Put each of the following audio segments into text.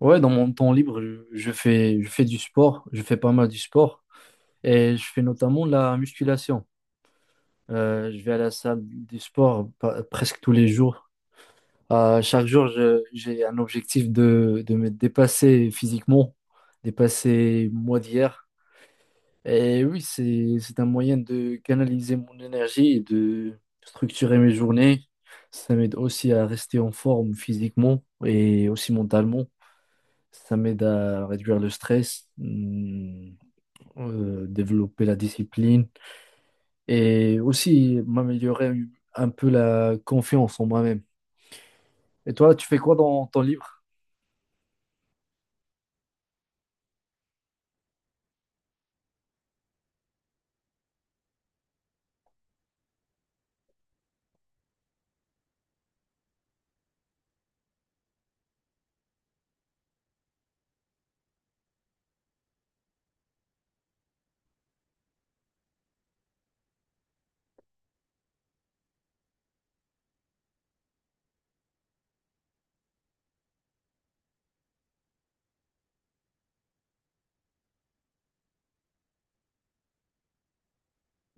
Ouais, dans mon temps libre, je fais du sport, je fais pas mal du sport et je fais notamment la musculation. Je vais à la salle du sport presque tous les jours. Chaque jour, j'ai un objectif de me dépasser physiquement, dépasser moi d'hier. Et oui, c'est un moyen de canaliser mon énergie et de structurer mes journées. Ça m'aide aussi à rester en forme physiquement et aussi mentalement. Ça m'aide à réduire le stress, développer la discipline et aussi m'améliorer un peu la confiance en moi-même. Et toi, tu fais quoi dans ton livre?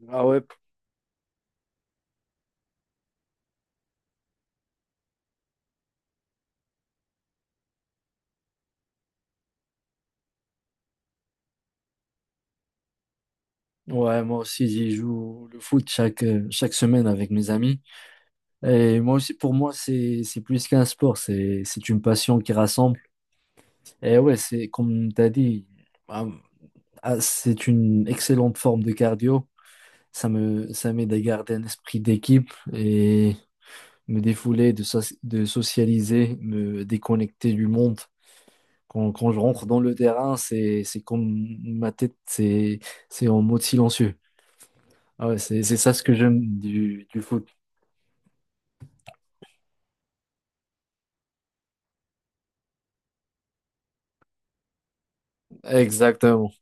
Ah ouais. Ouais, moi aussi, j'y joue le foot chaque semaine avec mes amis. Et moi aussi, pour moi, c'est plus qu'un sport, c'est une passion qui rassemble. Et ouais, c'est comme tu as dit, ah, ah, c'est une excellente forme de cardio. Ça m'aide à garder un esprit d'équipe et me défouler, de socialiser, me déconnecter du monde. Quand je rentre dans le terrain, c'est comme ma tête, c'est en mode silencieux. Ah ouais, c'est ça ce que j'aime du foot. Exactement.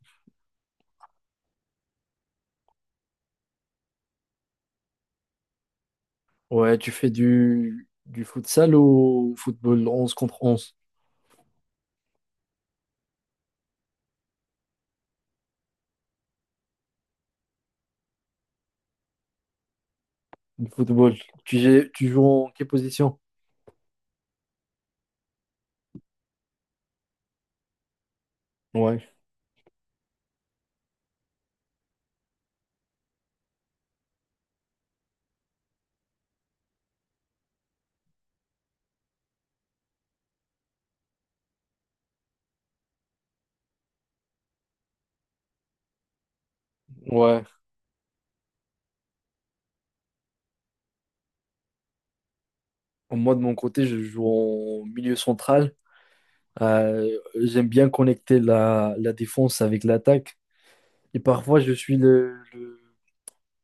Ouais, tu fais du futsal ou football 11 contre 11? Du football. Tu joues en quelle position? Ouais, ouais. Moi, de mon côté, je joue en milieu central. Euh, J'aime bien connecter la défense avec l'attaque. Et parfois, je suis le,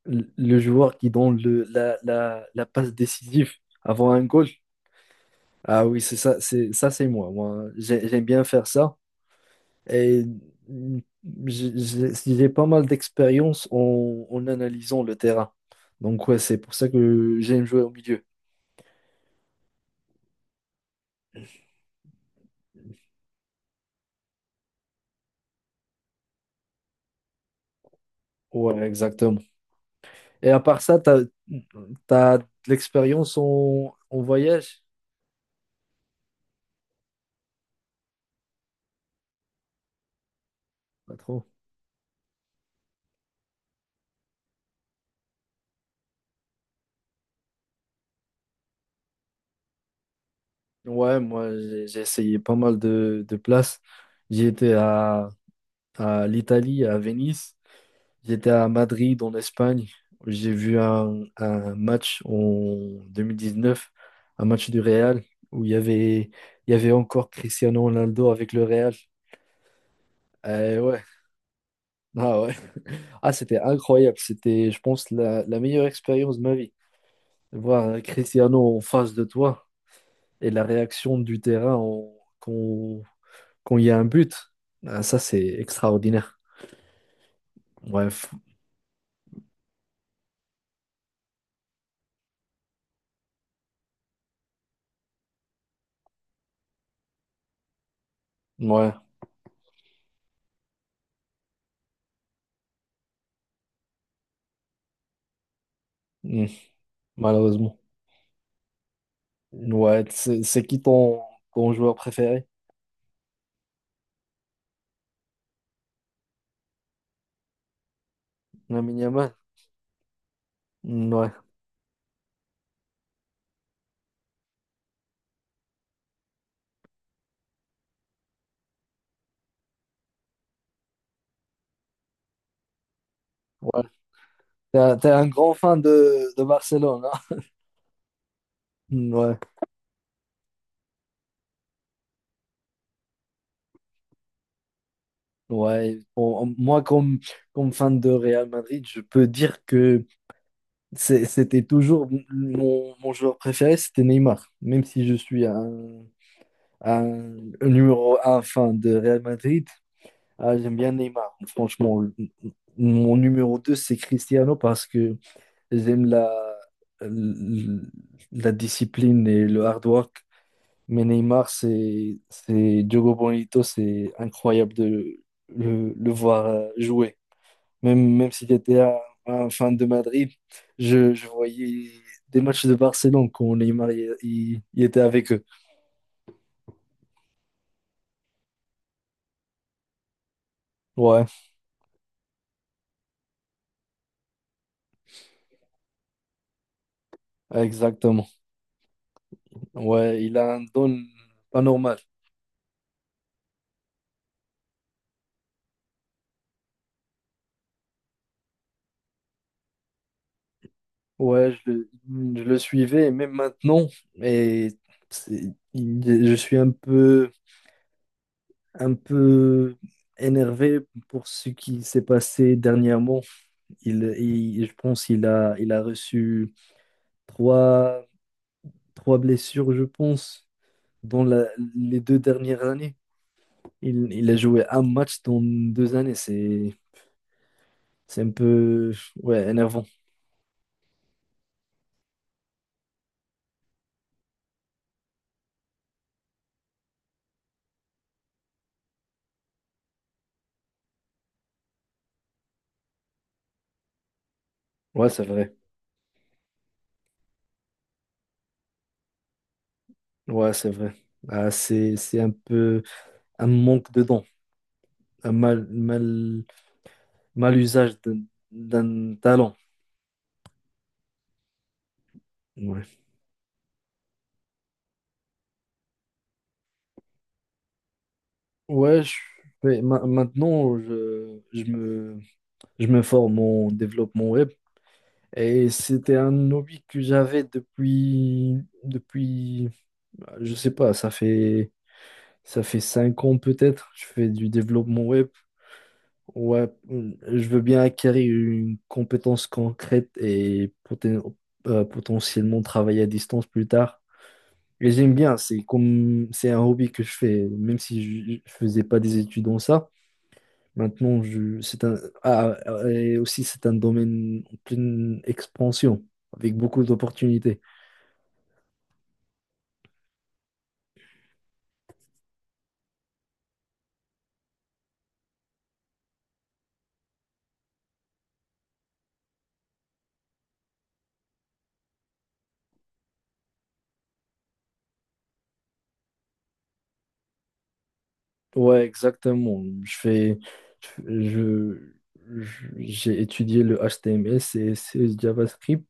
le, le- joueur qui donne la passe décisive avant un goal. Ah oui, c'est ça, c'est ça, c'est moi. Moi, j'aime bien faire ça. Et mm, j'ai pas mal d'expérience en analysant le terrain. Donc, ouais, c'est pour ça que j'aime jouer au milieu. Ouais, exactement. Et à part ça, t'as de l'expérience en voyage? Pas trop. Ouais, moi, j'ai essayé pas mal de places. J'y étais à l'Italie, à Venise. J'étais à Madrid, en Espagne. J'ai vu un match en 2019, un match du Real, où il y avait encore Cristiano Ronaldo avec le Real. Eh ouais, ah ouais. Ah, c'était incroyable. C'était, je pense, la meilleure expérience de ma vie. Voir Cristiano en face de toi et la réaction du terrain quand, quand il y a un but. Ah, ça, c'est extraordinaire. Bref, ouais. Mm. Malheureusement. Ouais, c'est qui ton joueur préféré? Lamine Yamal? Mm, ouais, ouais. T'es un grand fan de Barcelone, hein? Mm, ouais, ouais. Bon, moi, comme fan de Real Madrid, je peux dire que c'était toujours mon joueur préféré, c'était Neymar. Même si je suis un numéro un fan de Real Madrid, ah, j'aime bien Neymar. Franchement, mon numéro 2 c'est Cristiano parce que j'aime l- la discipline et le hard work. Mais Neymar, c'est Diogo Bonito, c'est incroyable de le voir jouer. Même si j'étais un fan de Madrid, je voyais des matchs de Barcelone quand Neymar il était avec eux. Ouais, exactement. Ouais, il a un don pas normal. Ouais, je le suivais, et même maintenant. Et je suis un peu énervé pour ce qui s'est passé dernièrement. Il- je pense qu'il a, il a reçu trois, trois blessures, je pense, dans les 2 dernières années. il a joué un match dans 2 années. C'est un peu, ouais, énervant. Ouais, c'est vrai. Ouais, c'est vrai. Ah, c'est un peu un manque de dons, un mal usage d'un talent. Ouais. Ouais, maintenant, je me forme en développement web et c'était un hobby que j'avais depuis, je sais pas, ça fait 5 ans peut-être. Je fais du développement web. Ouais, je veux bien acquérir une compétence concrète et potentiellement travailler à distance plus tard. Et j'aime bien, c'est comme, c'est un hobby que je fais, même si je faisais pas des études dans ça. Maintenant, je, c'est un, ah, ah, et aussi, c'est un domaine en pleine expansion, avec beaucoup d'opportunités. Ouais, exactement. Je fais, je, j'ai étudié le HTML, CSS, JavaScript,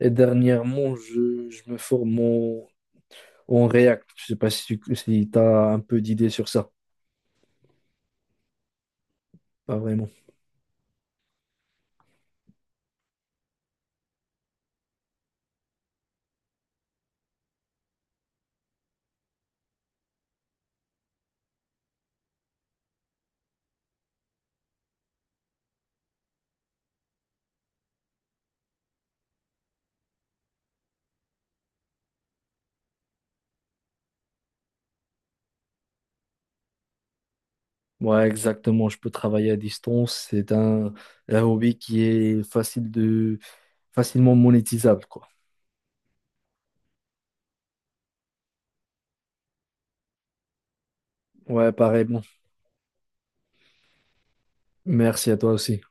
et dernièrement, je me forme en React. Je sais pas si tu si as un peu d'idées sur ça. Pas vraiment. Ouais, exactement. Je peux travailler à distance. C'est un hobby qui est facilement monétisable, quoi. Ouais, pareil. Bon. Merci à toi aussi.